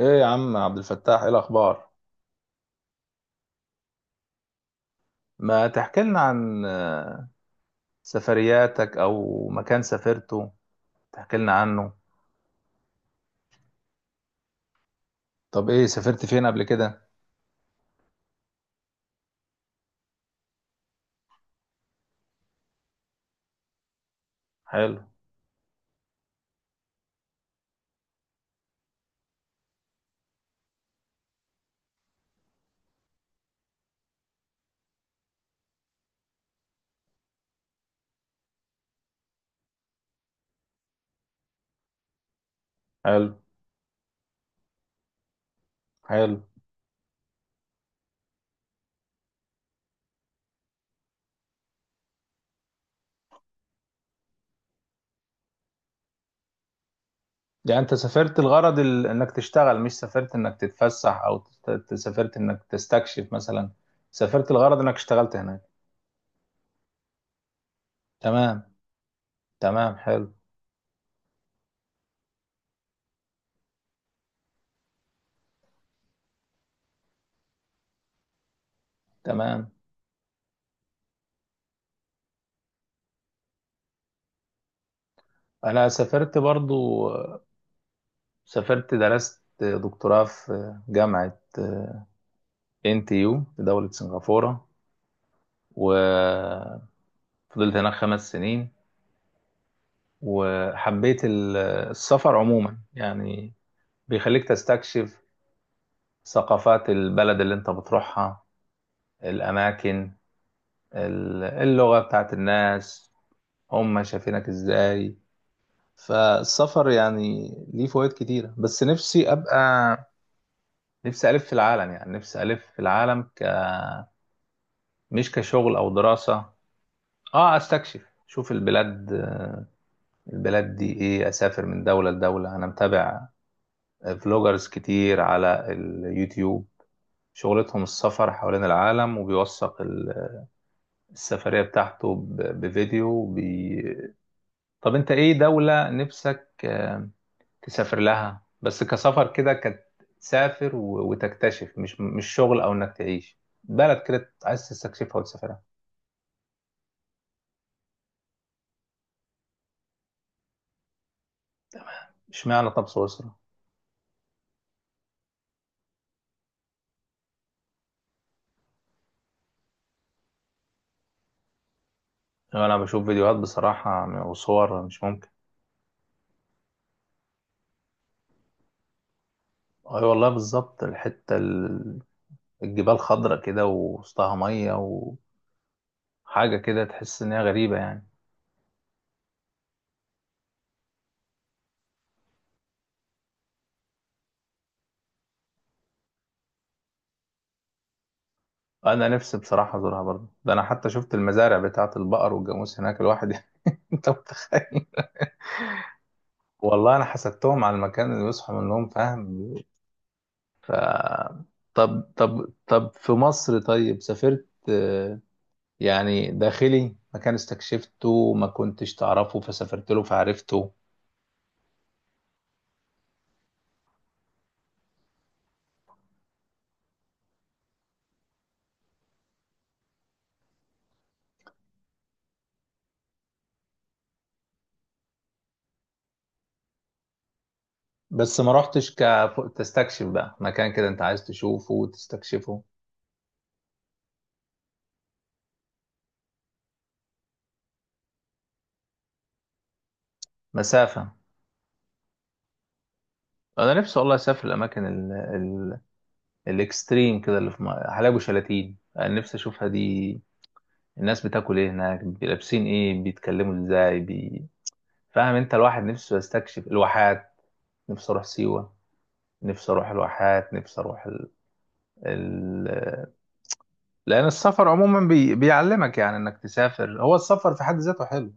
ايه يا عم عبد الفتاح، ايه الاخبار؟ ما تحكي لنا عن سفرياتك او مكان سافرته، تحكي لنا عنه. طب ايه؟ سافرت فين قبل كده؟ حلو. حلو. حلو. يعني انت سافرت الغرض انك تشتغل، مش سافرت انك تتفسح او سافرت انك تستكشف مثلا؟ سافرت الغرض انك اشتغلت هناك؟ تمام. تمام، حلو. تمام. انا سافرت برضو، سافرت درست دكتوراه في جامعة NTU في دولة سنغافورة، وفضلت هناك 5 سنين. وحبيت السفر عموما، يعني بيخليك تستكشف ثقافات البلد اللي انت بتروحها، الأماكن، اللغة بتاعت الناس، هم شايفينك ازاي. فالسفر يعني ليه فوائد كتيرة، بس نفسي أبقى، نفسي ألف في العالم، يعني نفسي ألف في العالم، مش كشغل أو دراسة. اه، استكشف، شوف البلاد، البلاد دي ايه. اسافر من دولة لدولة. انا متابع فلوجرز كتير على اليوتيوب، شغلتهم السفر حوالين العالم، وبيوثق السفرية بتاعته بفيديو طب انت ايه دولة نفسك تسافر لها؟ بس كسفر كده، تسافر وتكتشف، مش شغل او انك تعيش بلد كده، عايز تستكشفها وتسافرها. اشمعنى؟ طب سويسرا؟ انا بشوف فيديوهات بصراحة وصور، مش ممكن. اي والله، بالظبط. الحتة الجبال خضرة كده ووسطها مية، حاجة كده تحس إن هي غريبة يعني. أنا نفسي بصراحة أزورها برضه. ده أنا حتى شفت المزارع بتاعة البقر والجاموس هناك، الواحد يعني، أنت متخيل؟ والله أنا حسدتهم على المكان اللي بيصحوا منهم، فاهم؟ طب طب طب، في مصر طيب سافرت، يعني داخلي مكان استكشفته ما كنتش تعرفه فسافرت له فعرفته؟ بس ما رحتش تستكشف بقى مكان كده أنت عايز تشوفه وتستكشفه؟ مسافة. أنا نفسي والله أسافر الأماكن الاكستريم كده، اللي في حلايب وشلاتين، انا نفسي اشوفها دي. الناس بتاكل ايه هناك، لابسين ايه، بيتكلموا ازاي، فاهم انت، الواحد نفسه يستكشف الواحات. نفسي اروح سيوة، نفسي اروح الواحات، نفسي اروح ال... لان السفر عموما بيعلمك، يعني انك تسافر. هو السفر في حد ذاته حلو،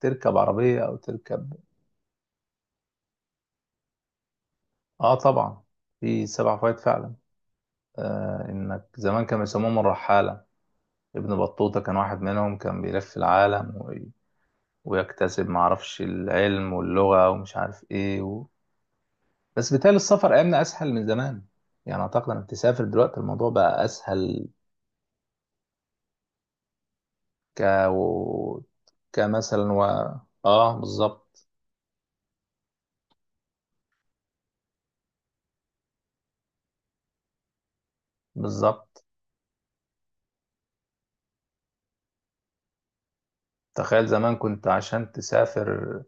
تركب عربية او تركب. اه طبعا. في سبع فوائد فعلا. آه، انك زمان كانوا يسموهم الرحالة. ابن بطوطة كان واحد منهم، كان بيلف العالم ويكتسب معرفش العلم واللغة ومش عارف ايه بس بالتالي، السفر ايامنا اسهل من زمان. يعني اعتقد انك تسافر دلوقتي الموضوع بقى اسهل. ك و... كمثلا اه بالظبط. بالظبط. تخيل زمان كنت عشان تسافر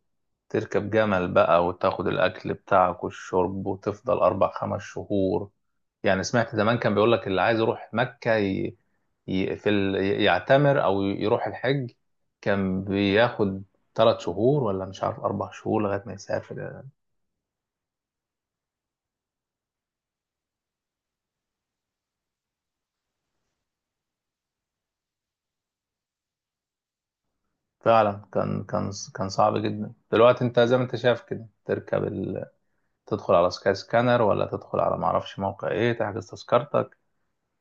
تركب جمل بقى، وتاخد الاكل بتاعك والشرب، وتفضل 4 5 شهور. يعني سمعت زمان كان بيقول لك اللي عايز يروح مكة ي... في ال... يعتمر أو يروح الحج، كان بياخد 3 شهور ولا مش عارف 4 شهور لغاية ما يسافر. فعلا، كان صعب جدا. دلوقتي أنت زي ما أنت شايف كده تركب تدخل على سكاي سكانر، ولا تدخل على معرفش موقع إيه، تحجز تذكرتك،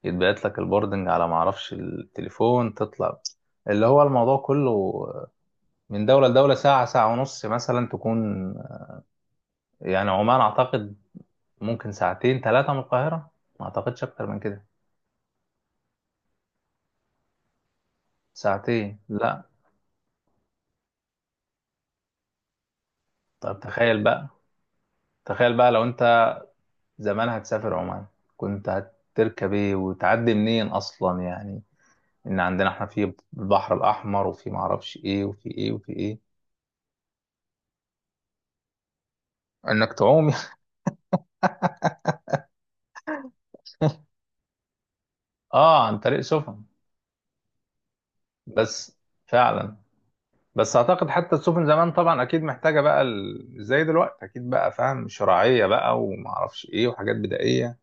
يتبعت لك البوردنج على معرفش التليفون، تطلع. اللي هو الموضوع كله من دولة لدولة ساعة، ساعة ونص مثلا تكون. يعني عمان أعتقد ممكن ساعتين ثلاثة من القاهرة، ما أعتقدش أكتر من كده. ساعتين لا. طب تخيل بقى، تخيل بقى لو أنت زمان هتسافر عمان كنت هتركب إيه وتعدي منين أصلا يعني؟ إن عندنا إحنا في البحر الأحمر وفي معرفش إيه وفي إيه وفي إيه. إنك تعوم. آه، عن طريق سفن، بس. فعلا. بس أعتقد حتى السفن زمان طبعا أكيد محتاجة بقى زي دلوقتي، أكيد بقى فاهم، شراعية بقى ومعرفش إيه وحاجات بدائية.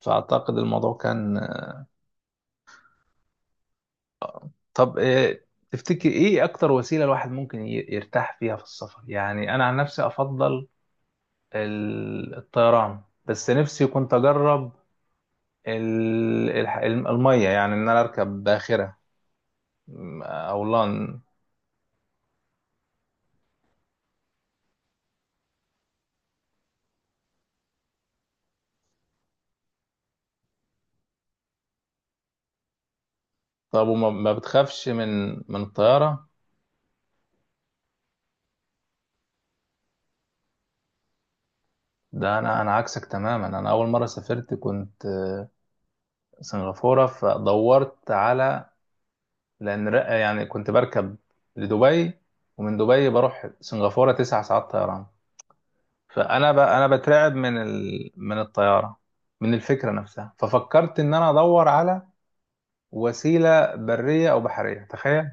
فأعتقد الموضوع كان. طب تفتكر ايه اكتر وسيله الواحد ممكن يرتاح فيها في السفر؟ يعني انا عن نفسي افضل الطيران، بس نفسي كنت اجرب الميه، يعني ان انا اركب باخره، او لان. طب وما ما بتخافش من الطياره؟ ده انا عكسك تماما. انا اول مره سافرت كنت سنغافوره، فدورت على، لان يعني كنت بركب لدبي، ومن دبي بروح سنغافوره 9 ساعات طيران. فانا انا بترعب من من الطياره، من الفكره نفسها. ففكرت ان انا ادور على وسيله بريه او بحريه، تخيل.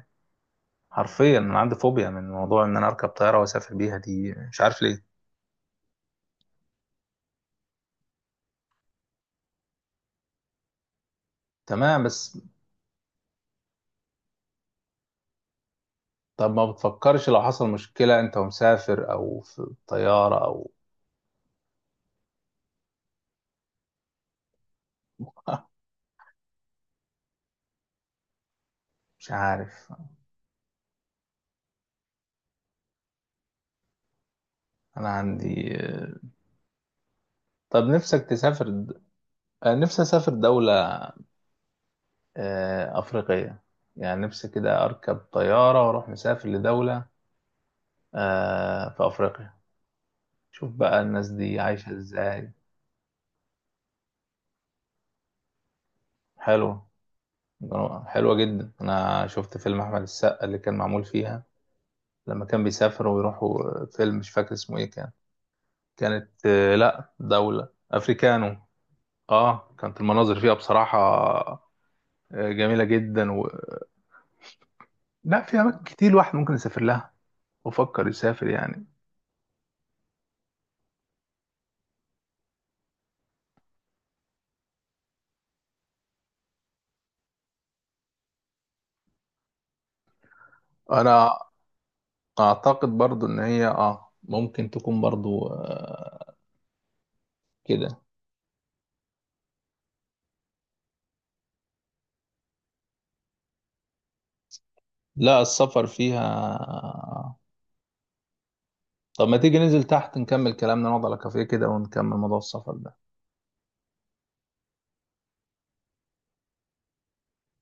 حرفيا انا عندي فوبيا من موضوع ان انا اركب طياره واسافر بيها دي، مش عارف ليه. تمام، بس. طب ما بتفكرش لو حصل مشكله انت ومسافر او في الطياره او؟ مش عارف. انا عندي. طب نفسك تسافر نفسي اسافر دوله افريقيه، يعني نفسي كده اركب طياره واروح مسافر لدوله في أفريقيا، شوف بقى الناس دي عايشة إزاي. حلوة. حلوة جدا. أنا شفت فيلم أحمد السقا اللي كان معمول فيها، لما كان بيسافر ويروحوا، فيلم مش فاكر اسمه إيه كان، كانت لأ، دولة أفريكانو. كانت المناظر فيها بصراحة جميلة جدا لا، في أماكن كتير الواحد ممكن يسافر لها وفكر يسافر يعني. أنا أعتقد برضو إن هي ممكن تكون برضو كده. لا، السفر فيها. طب ما تيجي ننزل تحت نكمل كلامنا، نقعد على كافيه كده ونكمل موضوع السفر ده؟